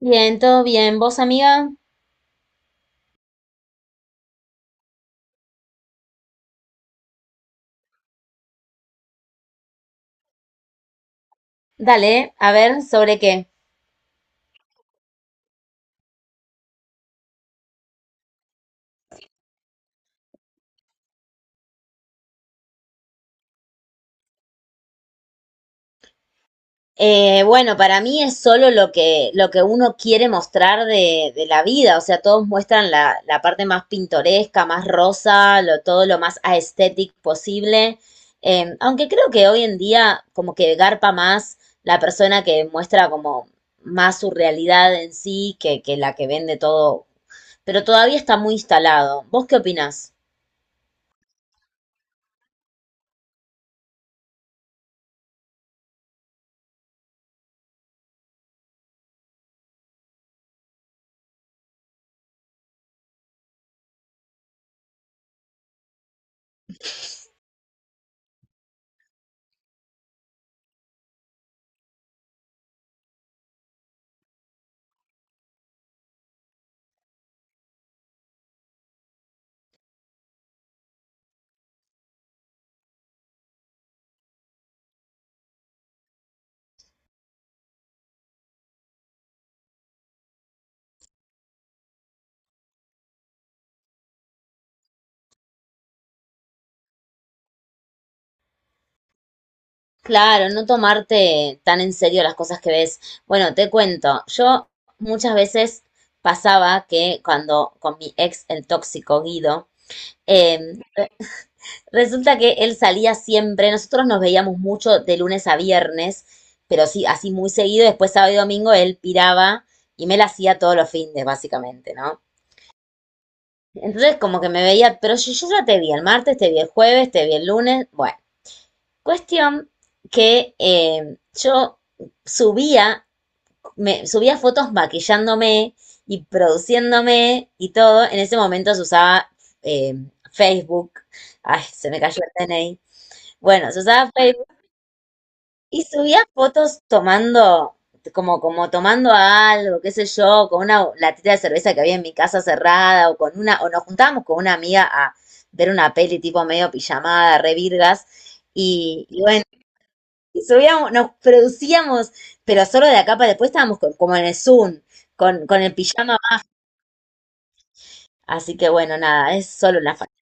Bien, todo bien. ¿Vos, amiga? Dale, a ver, ¿sobre qué? Bueno, para mí es solo lo que uno quiere mostrar de la vida, o sea, todos muestran la parte más pintoresca, más rosa, lo, todo lo más aesthetic posible. Aunque creo que hoy en día como que garpa más la persona que muestra como más su realidad en sí que la que vende todo, pero todavía está muy instalado. ¿Vos qué opinás? Claro, no tomarte tan en serio las cosas que ves. Bueno, te cuento, yo muchas veces pasaba que cuando con mi ex, el tóxico Guido, eh, resulta que él salía siempre, nosotros nos veíamos mucho de lunes a viernes, pero sí, así muy seguido, después sábado y domingo él piraba y me la hacía todos los fines, básicamente, ¿no? Entonces como que me veía, pero yo ya te vi el martes, te vi el jueves, te vi el lunes, bueno. Cuestión que yo subía, subía fotos maquillándome y produciéndome y todo. En ese momento se usaba eh, Facebook. Ay, se me cayó el DNI. Bueno, se usaba Facebook y subía fotos tomando, como, como tomando algo, qué sé yo, con una latita de cerveza que había en mi casa cerrada, o con una, o nos juntábamos con una amiga a ver una peli tipo medio pijamada, re virgas. Y bueno, subíamos, nos producíamos, pero solo de acá para después estábamos como en el Zoom, con el pijama. Así que bueno, nada, es solo una falta.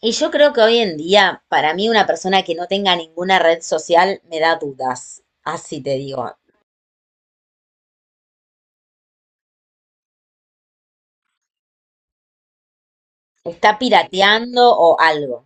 Y yo creo que hoy en día, para mí, una persona que no tenga ninguna red social me da dudas. Así te digo. Está pirateando o algo.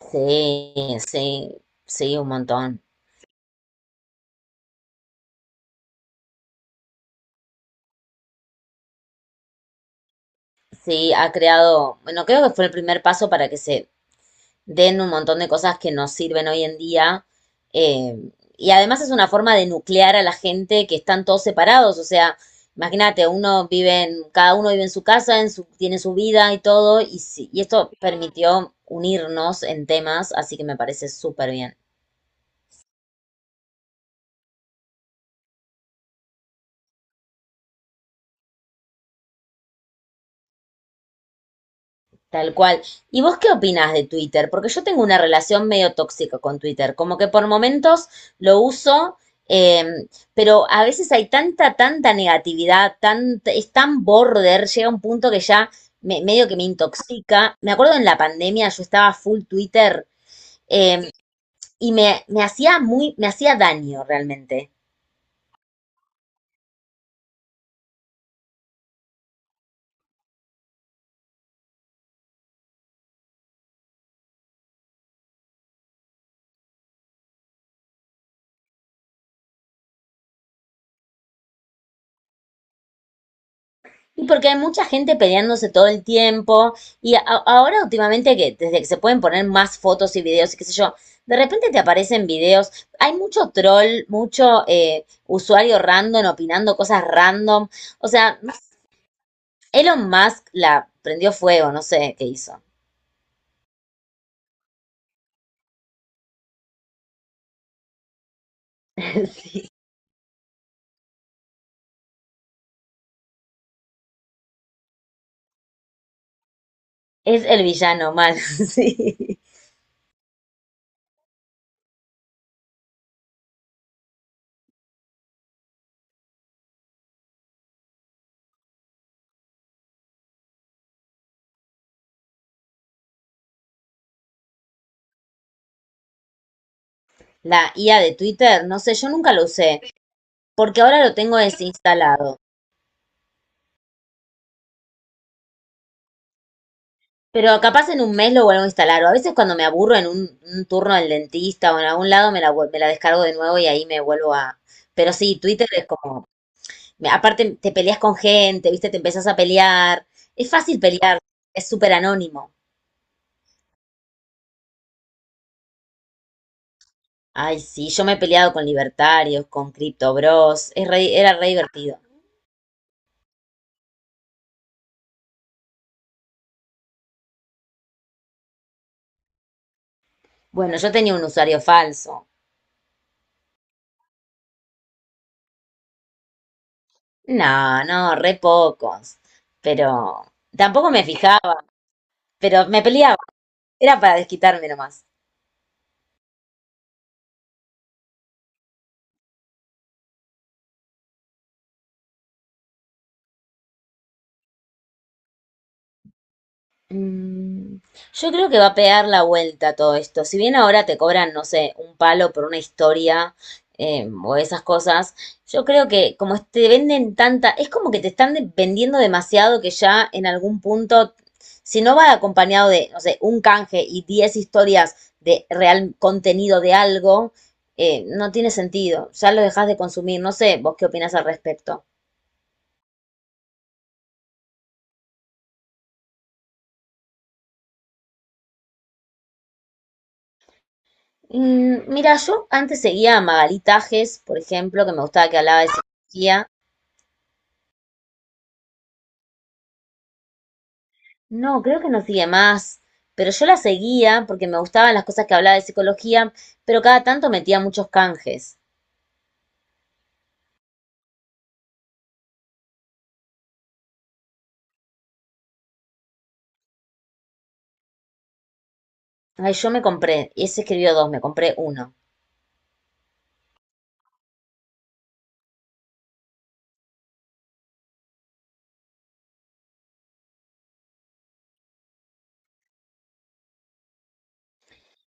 Sí, sí, sí, un montón. Sí, ha creado, bueno, creo que fue el primer paso para que se den un montón de cosas que nos sirven hoy en día. eh, y además es una forma de nuclear a la gente que están todos separados. O sea, imagínate, uno vive en, cada uno vive en su casa, en su, tiene su vida y todo, y, y esto permitió unirnos en temas, así que me parece súper bien. Tal cual. ¿Y vos qué opinás de Twitter? Porque yo tengo una relación medio tóxica con Twitter, como que por momentos lo uso, eh, pero a veces hay tanta negatividad, tan, es tan border, llega un punto que ya medio que me intoxica. Me acuerdo en la pandemia yo estaba full Twitter eh, y me hacía muy, me hacía daño realmente. Y porque hay mucha gente peleándose todo el tiempo y ahora últimamente que desde que se pueden poner más fotos y videos y qué sé yo, de repente te aparecen videos, hay mucho troll, mucho usuario random opinando cosas random, o sea, Elon Musk la prendió fuego, no sé qué hizo. Es el villano mal, sí. La IA de Twitter, no sé, yo nunca lo usé porque ahora lo tengo desinstalado. Pero capaz en un mes lo vuelvo a instalar. O a veces cuando me aburro en un turno del dentista o en algún lado me la, me la descargo de nuevo y ahí me vuelvo a... Pero sí, Twitter es como... Aparte te peleas con gente, ¿viste? Te empezás a pelear. Es fácil pelear, es súper anónimo. Ay, sí, yo me he peleado con libertarios, con Crypto Bros. Es era re divertido. Bueno, yo tenía un usuario falso. No, no, re pocos. Pero tampoco me fijaba, pero me peleaba. Era para desquitarme nomás. Mm, Yo creo que va a pegar la vuelta todo esto. Si bien ahora te cobran, no sé, un palo por una historia o esas cosas, yo creo que como te venden tanta, es como que te están vendiendo demasiado que ya en algún punto, si no va acompañado de, no sé, un canje y 10 historias de real contenido de algo, no tiene sentido. Ya lo dejas de consumir. No sé, vos qué opinas al respecto. Mira, yo antes seguía a Magalí Tajes, por ejemplo, que me gustaba que hablaba de psicología. No, creo que no sigue más, pero yo la seguía porque me gustaban las cosas que hablaba de psicología, pero cada tanto metía muchos canjes. Ay, yo me compré, y ese escribió dos, me compré uno.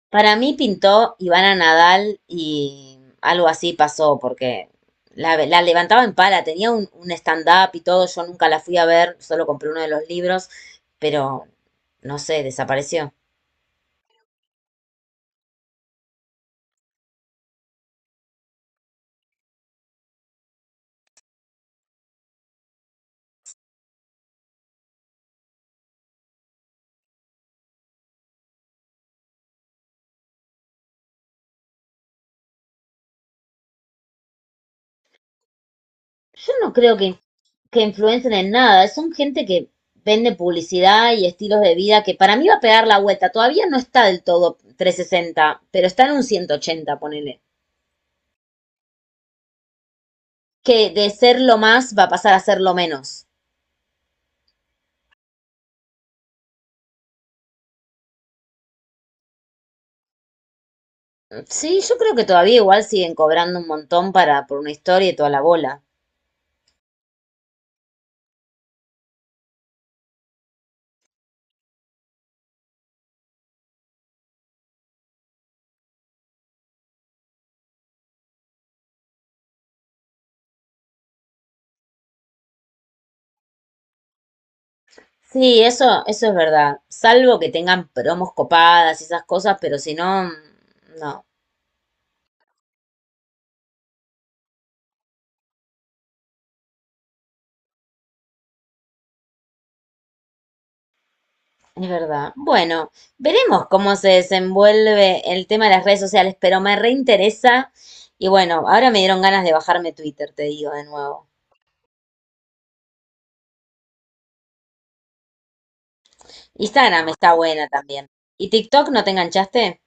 Para mí pintó Ivana Nadal y algo así pasó, porque la levantaba en pala, tenía un stand-up y todo, yo nunca la fui a ver, solo compré uno de los libros, pero no sé, desapareció. Yo no creo que influencen en nada, son gente que vende publicidad y estilos de vida que para mí va a pegar la vuelta. Todavía no está del todo 360, pero está en un 180 ponele. Que de ser lo más va a pasar a ser lo menos. Sí, yo creo que todavía igual siguen cobrando un montón para, por una historia y toda la bola. Sí, eso es verdad. Salvo que tengan promos copadas y esas cosas, pero si no, no. Es verdad. Bueno, veremos cómo se desenvuelve el tema de las redes sociales, pero me reinteresa. Y bueno, ahora me dieron ganas de bajarme Twitter, te digo de nuevo. Instagram está buena también. ¿Y TikTok no te enganchaste?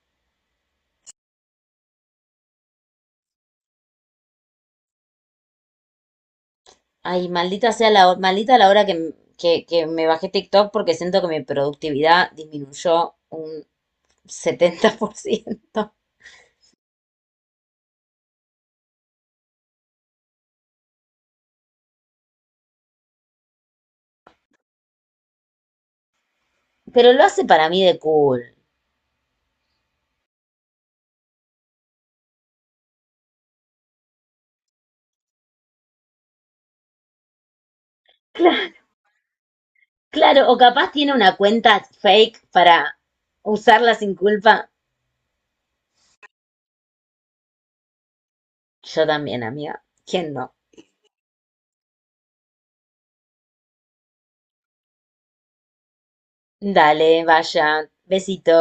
Ay, maldita sea la, maldita la hora que, que me bajé TikTok porque siento que mi productividad disminuyó un 70%. Pero lo hace para mí de cool. Cla- Claro, o capaz tiene una cuenta fake para usarla sin culpa. Yo también, amiga. ¿Quién no? Dale, vaya. Besito.